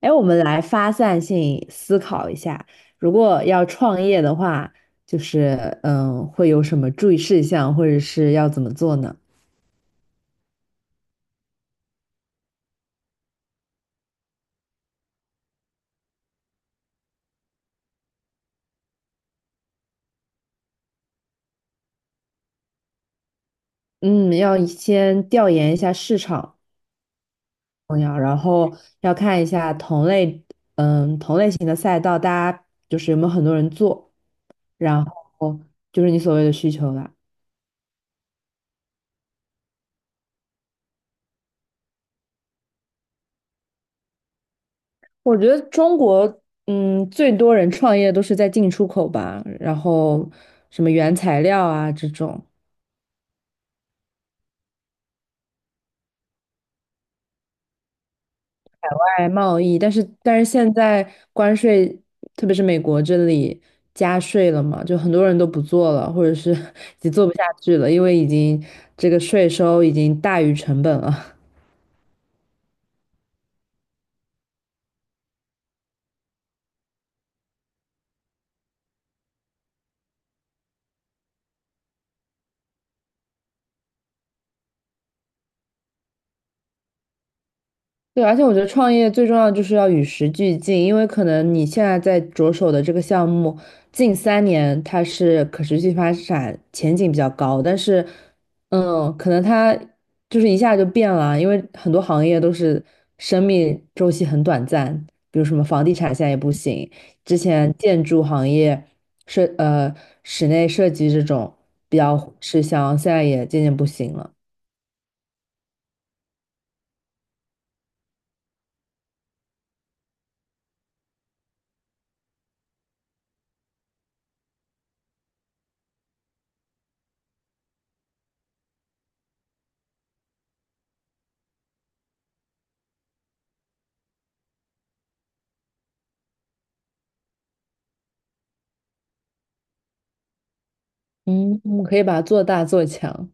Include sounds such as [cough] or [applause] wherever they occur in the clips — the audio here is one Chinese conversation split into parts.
哎，我们来发散性思考一下，如果要创业的话，就是会有什么注意事项，或者是要怎么做呢？嗯，要先调研一下市场重要，然后要看一下同类，同类型的赛道，大家就是有没有很多人做，然后就是你所谓的需求啦。我觉得中国，最多人创业都是在进出口吧，然后什么原材料啊这种。外贸易，但是现在关税，特别是美国这里加税了嘛，就很多人都不做了，或者是 [laughs] 已经做不下去了，因为已经这个税收已经大于成本了。对，而且我觉得创业最重要的就是要与时俱进，因为可能你现在在着手的这个项目，近三年它是可持续发展前景比较高，但是，可能它就是一下就变了，因为很多行业都是生命周期很短暂，比如什么房地产现在也不行，之前建筑行业设呃室内设计这种比较吃香，现在也渐渐不行了。嗯，我们可以把它做大做强。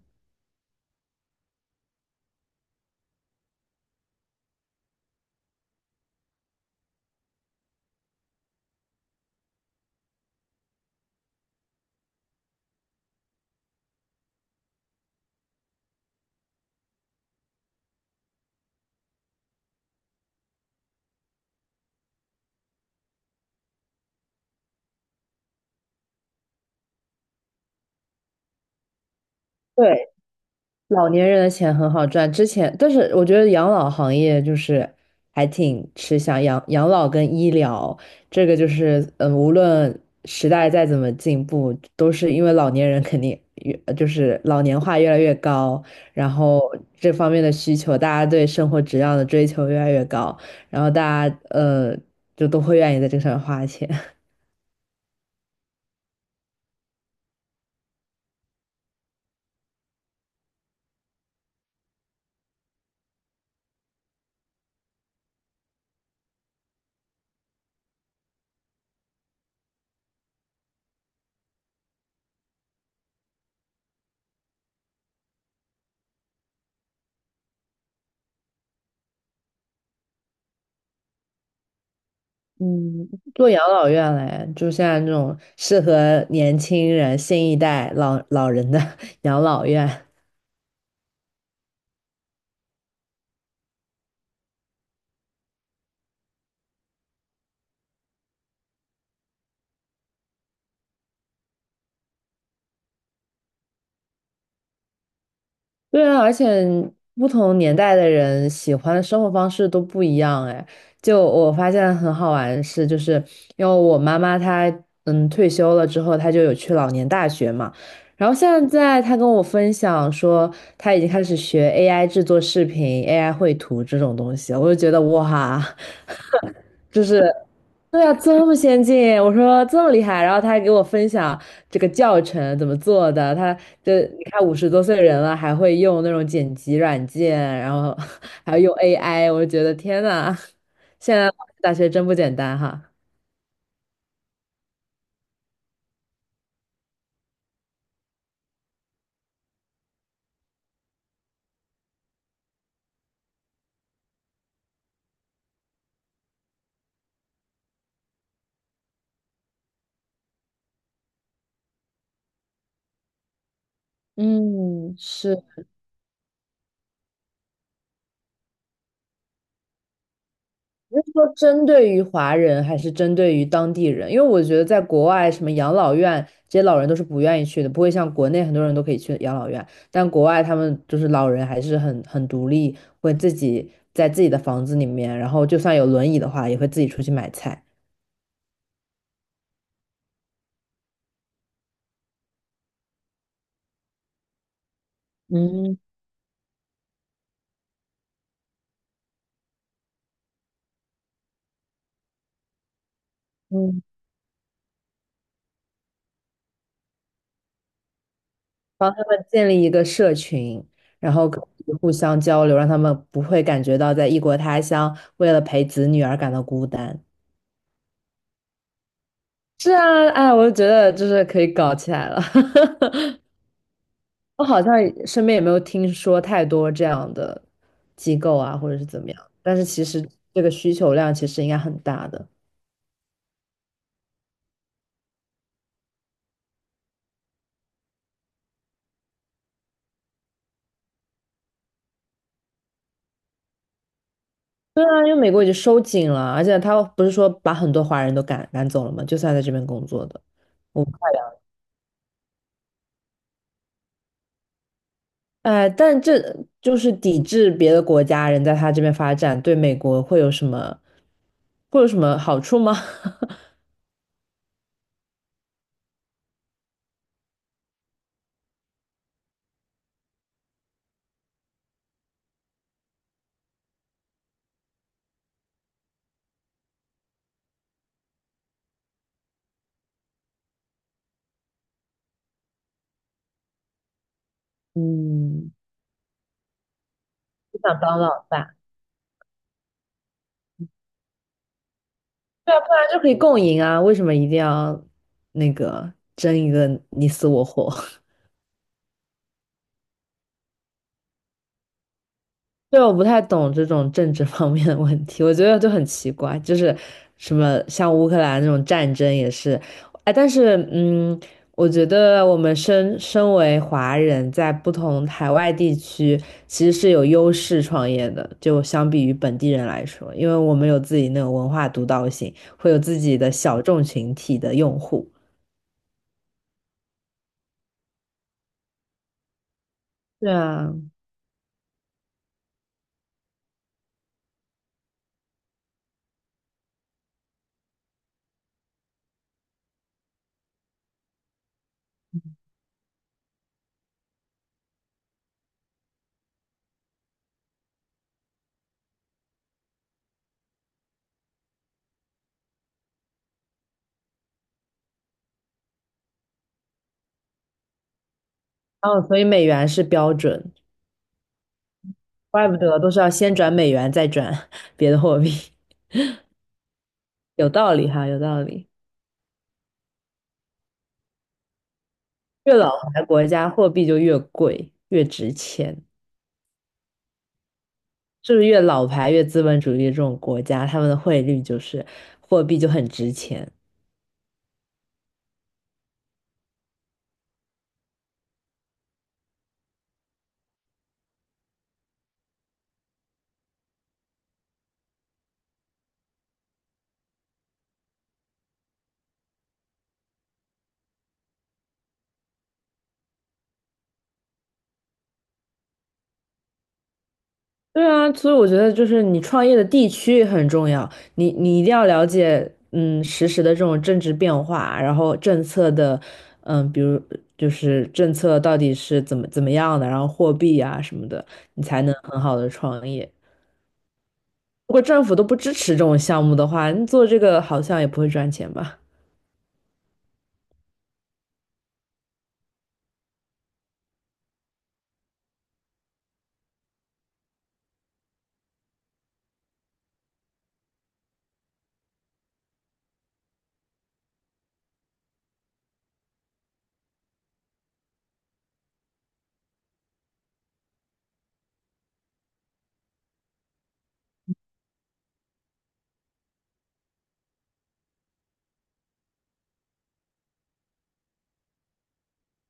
对。老年人的钱很好赚，之前，但是我觉得养老行业就是还挺吃香，养老跟医疗这个就是，无论时代再怎么进步，都是因为老年人肯定就是老年化越来越高，然后这方面的需求，大家对生活质量的追求越来越高，然后大家就都会愿意在这上面花钱。嗯，做养老院嘞，就像那种适合年轻人、新一代老人的 [laughs] 养老院。对啊，而且不同年代的人喜欢的生活方式都不一样哎。就我发现很好玩的事，就是因为我妈妈她退休了之后，她就有去老年大学嘛。然后现在她跟我分享说，她已经开始学 AI 制作视频、AI 绘图这种东西，我就觉得哇。就是对啊，这么先进，我说这么厉害，然后他还给我分享这个教程怎么做的，他就你看五十多岁人了，还会用那种剪辑软件，然后 [laughs] 还要用 AI，我就觉得天呐，现在大学真不简单哈。嗯，是，你是说针对于华人还是针对于当地人？因为我觉得在国外，什么养老院这些老人都是不愿意去的，不会像国内很多人都可以去养老院，但国外他们就是老人还是很独立，会自己在自己的房子里面，然后就算有轮椅的话，也会自己出去买菜。嗯嗯，帮他们建立一个社群，然后可以互相交流，让他们不会感觉到在异国他乡为了陪子女而感到孤单。是啊，哎，我就觉得就是可以搞起来了。[laughs] 我好像也身边也没有听说太多这样的机构啊，或者是怎么样。但是其实这个需求量其实应该很大的。对啊，因为美国已经收紧了，而且他不是说把很多华人都赶走了吗？就算在这边工作的，我不太了哎，但这就是抵制别的国家人在他这边发展，对美国会有什么好处吗？[laughs] 嗯，不想当老大。对啊，不然就可以共赢啊，为什么一定要那个争一个你死我活？[laughs] 对，我不太懂这种政治方面的问题，我觉得就很奇怪，就是什么像乌克兰那种战争也是，哎，但是我觉得我们身为华人，在不同海外地区其实是有优势创业的，就相比于本地人来说，因为我们有自己那种文化独到性，会有自己的小众群体的用户。对啊，哦，所以美元是标准，怪不得都是要先转美元再转 [laughs] 别的货币，有道理哈，有道理。越老牌国家货币就越贵，越值钱，是不是越老牌越资本主义这种国家，他们的汇率就是货币就很值钱。对啊，所以我觉得就是你创业的地区也很重要，你一定要了解，实时的这种政治变化，然后政策的，比如就是政策到底是怎么样的，然后货币啊什么的，你才能很好的创业。如果政府都不支持这种项目的话，你做这个好像也不会赚钱吧？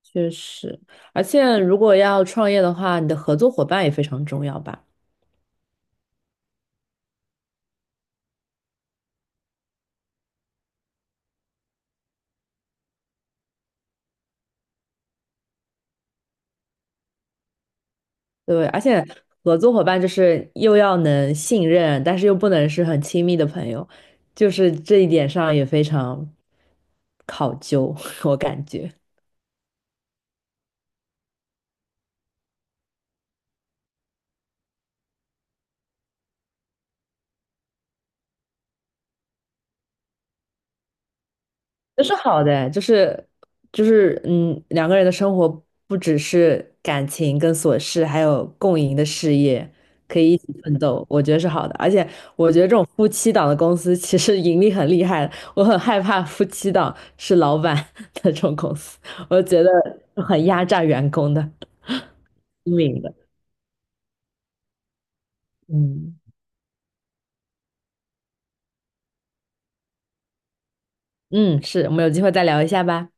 确实，而且如果要创业的话，你的合作伙伴也非常重要吧。对，而且合作伙伴就是又要能信任，但是又不能是很亲密的朋友，就是这一点上也非常考究，[laughs] 我感觉。这是好的，就是两个人的生活不只是感情跟琐事，还有共赢的事业，可以一起奋斗，我觉得是好的。而且我觉得这种夫妻档的公司其实盈利很厉害的，我很害怕夫妻档是老板 [laughs] 的这种公司，我觉得很压榨员工的，聪明的。嗯嗯，是，我们有机会再聊一下吧。